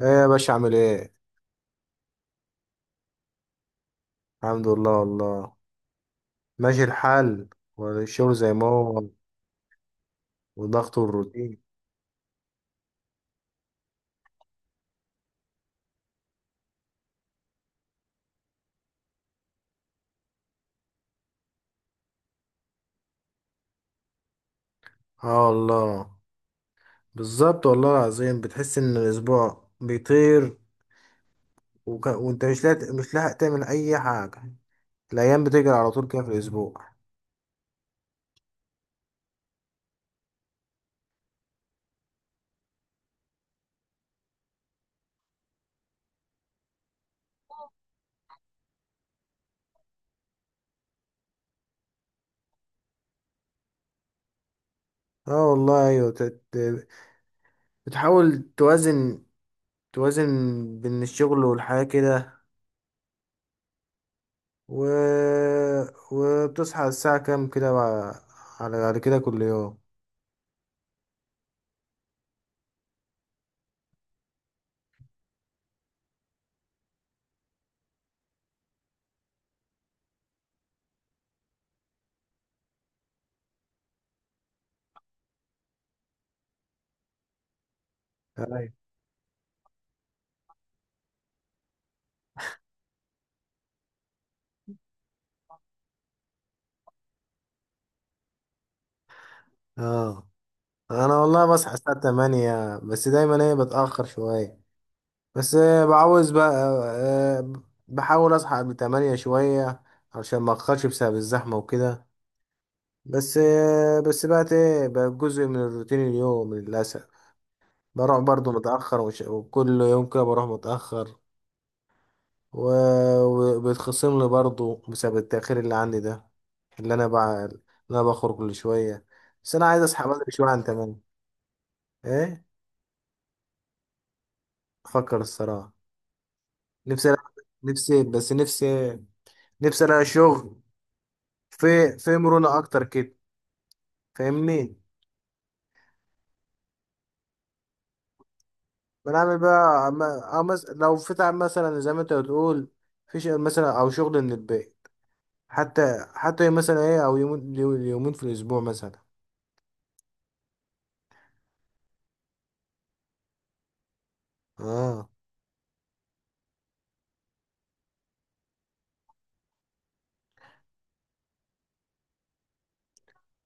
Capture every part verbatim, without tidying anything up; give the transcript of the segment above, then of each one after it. ايه يا باشا؟ عامل ايه؟ الحمد لله والله، ماشي الحال، والشغل زي ما هو وضغط الروتين. اه والله، بالظبط والله العظيم، بتحس ان الاسبوع بيطير وك... وانت مش لاحق مش لاحق تعمل اي حاجه. الايام بتجري على طول كده في الاسبوع. اه والله، ايوه، تت... بتحاول توازن توازن بين الشغل والحياه كده، و... وبتصحى الساعه كام كده بقى- على على كده كل يوم؟ أيوة. اه، انا والله بصحى الساعة تمانية، بس دايما ايه، بتأخر شوية. بس آه، بعوز بقى. آه، بحاول اصحى قبل تمانية شوية عشان ما اتأخرش بسبب الزحمة وكده. بس آه، بس بقى ايه، بقى جزء من الروتين اليوم للأسف. بروح برضو متأخر، وش- وكل يوم كده بروح متأخر، و- وبيتخصم لي برضو بسبب التأخير اللي عندي ده، اللي انا بقى، اللي انا بخرج كل شوية. بس انا عايز اصحى بدري شوية عن تمانية. ايه؟ افكر الصراحة. نفسي ألاقي- نفسي بس نفسي، نفسي الاقي شغل في في مرونة اكتر كده. فاهمني؟ بنعمل بقى ما- أو مس... لو فتح مثلا زي ما انت بتقول في شغل مثلا او شغل من البيت، حتى حتى مثلا ايه او يومين، يومين في الاسبوع مثلا. اه.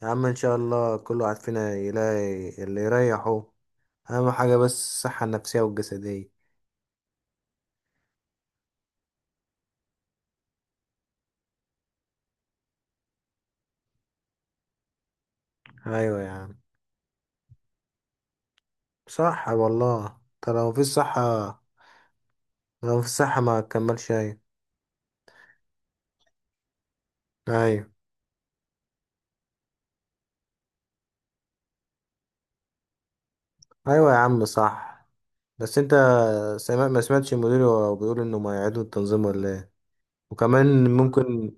يا عم ان شاء الله كل واحد فينا يلاقي اللي يريحه. اهم حاجة بس الصحة النفسية والجسدية. ايوه يا عم، صح والله. طب لو مفيش صحة، لو مفيش صحة ما تكملش. ايوه. أيوة. ايوه يا عم صح. بس انت، سمع ما سمعتش المدير وهو بيقول انه ما يعيدوا التنظيم ولا ايه؟ وكمان ممكن،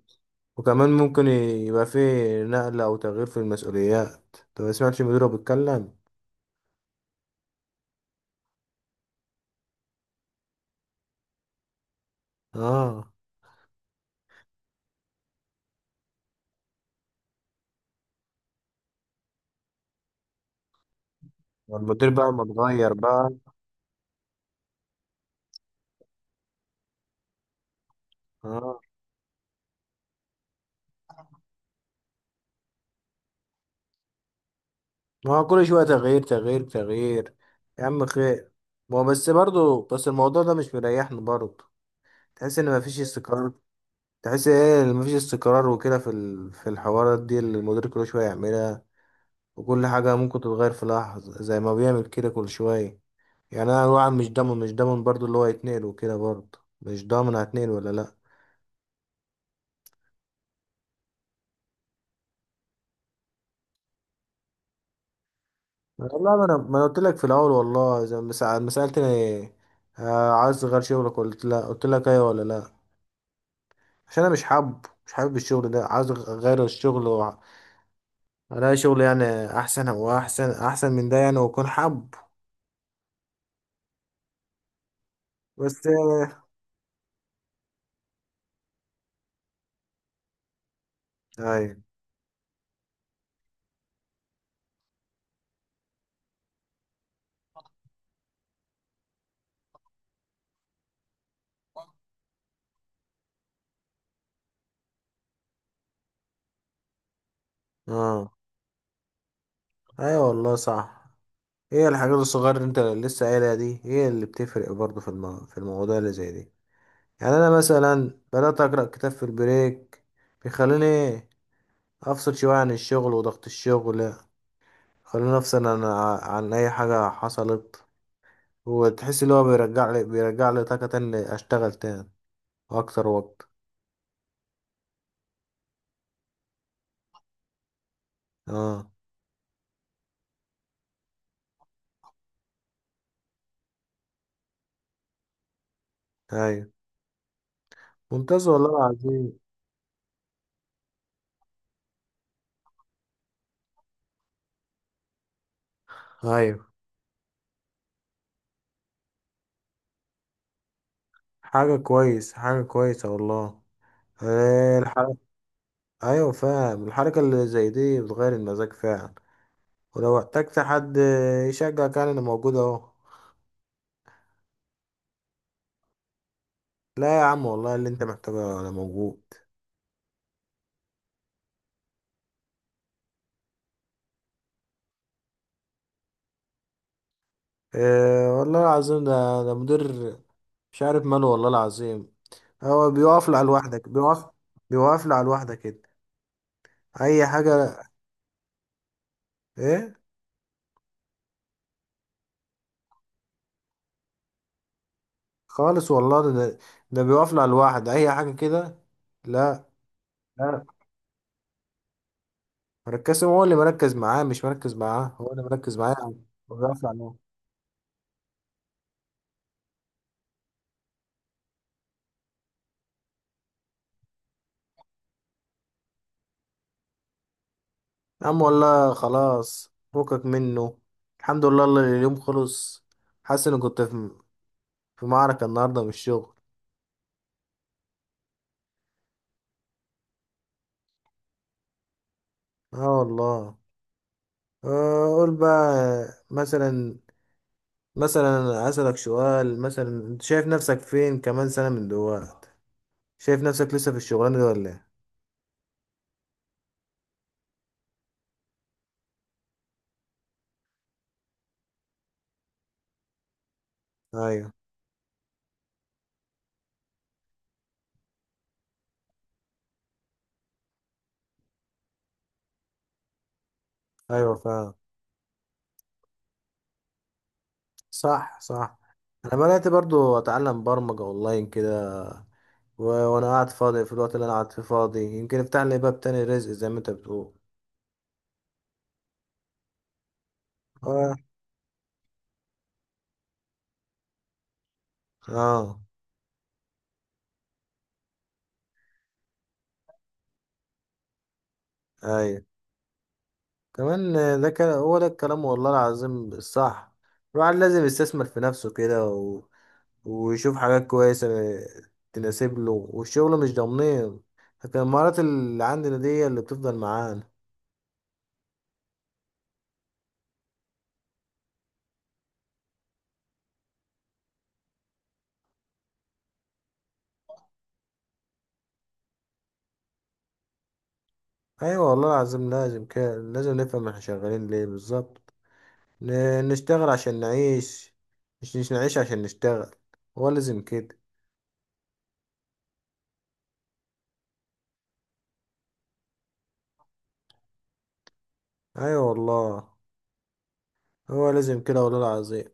وكمان ممكن يبقى فيه نقلة او تغيير في المسؤوليات. انت ما سمعتش المدير وهو بيتكلم؟ اه. والمدير بقى ما اتغير بقى. اه. ما هو كل شوية تغيير تغيير تغيير. يا عم خير. ما هو بس برضه، بس الموضوع ده مش مريحني برضه. تحس ان مفيش استقرار. تحس ايه مفيش استقرار وكده في ال- في الحوارات دي اللي المدير كل شوية يعملها، وكل حاجة ممكن تتغير في لحظة زي ما بيعمل كده كل شوية. يعني أنا الواحد مش ضامن مش ضامن برضو اللي هو يتنقل، وكده برضو مش ضامن هتنقل ولا لأ. والله ما أنا ما أنا قلت لك في الأول، والله زي ما سأل- ما سألتني آه، عايز تغير شغلك، قلت لأ، قلت لك أيوة ولا لأ؟ عشان أنا مش حابب مش حابب الشغل ده، عايز أغ- أغير الشغل وأ- ألاقي شغل يعني أحسن، وأحسن أحسن من ده يعني، وأكون حابب. بس آه، أيوة. آه. أيوة والله صح. هي الحاجات الصغيرة اللي انت لسه قايلها دي هي اللي بتفرق برضه في المو... في المواضيع اللي زي دي. يعني انا مثلا بدأت أقرأ كتاب في البريك، بيخليني ايه، افصل شوية عن الشغل وضغط الشغل. خليني افصل عن، عن اي حاجة حصلت، وتحس اللي هو بيرجع لي بيرجع لي طاقة تاني، اشتغل تاني واكتر وقت. اه. ايوه، ممتاز والله العظيم. ايوه. حاجة كويس حاجة كويسة والله. إيه الحركة؟ ايوه، فاهم، الحركة اللي زي دي بتغير المزاج فعلا. ولو احتجت حد يشجعك، يعني انا موجود اهو. لا يا عم والله، اللي انت محتاجه انا موجود. إيه والله العظيم ده؟ ده مدير مش عارف ماله والله العظيم. هو بيقف على لوحدك، بيقف، بيوقف على لوحدك كده اي حاجه. ايه؟ خالص والله، ده ده، ده بيقف على لوحده اي حاجه كده. لا. لا، مركز، هو اللي مركز معاه، مش مركز معاه هو اللي مركز معاه. بيقف على لوحده. يا عم والله خلاص، فكك منه. الحمد لله اللي اليوم خلص. حاسس اني كنت في في معركة النهاردة من الشغل. اه والله. آه، قول بقى مثلا، مثلا اسألك سؤال، مثلا انت شايف نفسك فين كمان سنة من دلوقتي؟ شايف نفسك لسه في الشغلانة دي ولا ايه؟ ايوه. ايوه، فعلا. صح صح. انا بدأت برضو اتعلم برمجة اونلاين كده، و- وانا قاعد فاضي، في الوقت اللي انا قاعد فيه فاضي يمكن افتح لي باب تاني رزق زي ما انت بتقول. اه. اه. ايوه. كمان آه، ده كان هو ده الكلام، والله العظيم الصح. الواحد لازم يستثمر في نفسه كده، و... ويشوف حاجات كويسة تناسب له، والشغل مش ضامنين، لكن المهارات اللي عندنا دي هي اللي بتفضل معانا. ايوه والله العظيم، لازم كده. لازم نفهم احنا شغالين ليه بالظبط. ن... نشتغل عشان نعيش، مش مش نعيش عشان نشتغل. هو لازم كده. ايوه والله، هو لازم كده والله العظيم.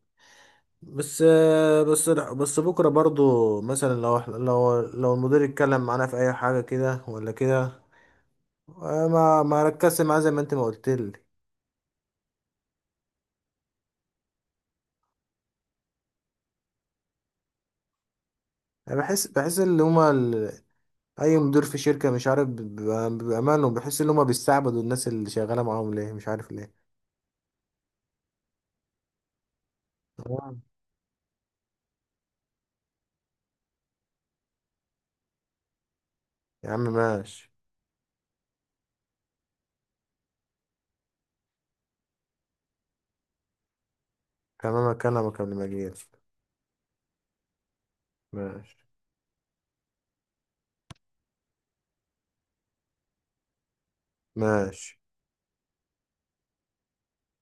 بس، بس بس بكرة برضو مثلا لو إحنا- لو لو المدير اتكلم معانا في اي حاجة كده ولا كده، ما ما ركزت معاه زي ما انت ما قلت لي. انا بحس بحس ان هما ال- اي مدير في شركة مش عارف، بيبقى- بامانه بحس ان هما بيستعبدوا الناس اللي شغالة معاهم ليه، مش عارف ليه. تمام. يا عم ماشي. كمامك انا ما كمل. ماشي. ماشي.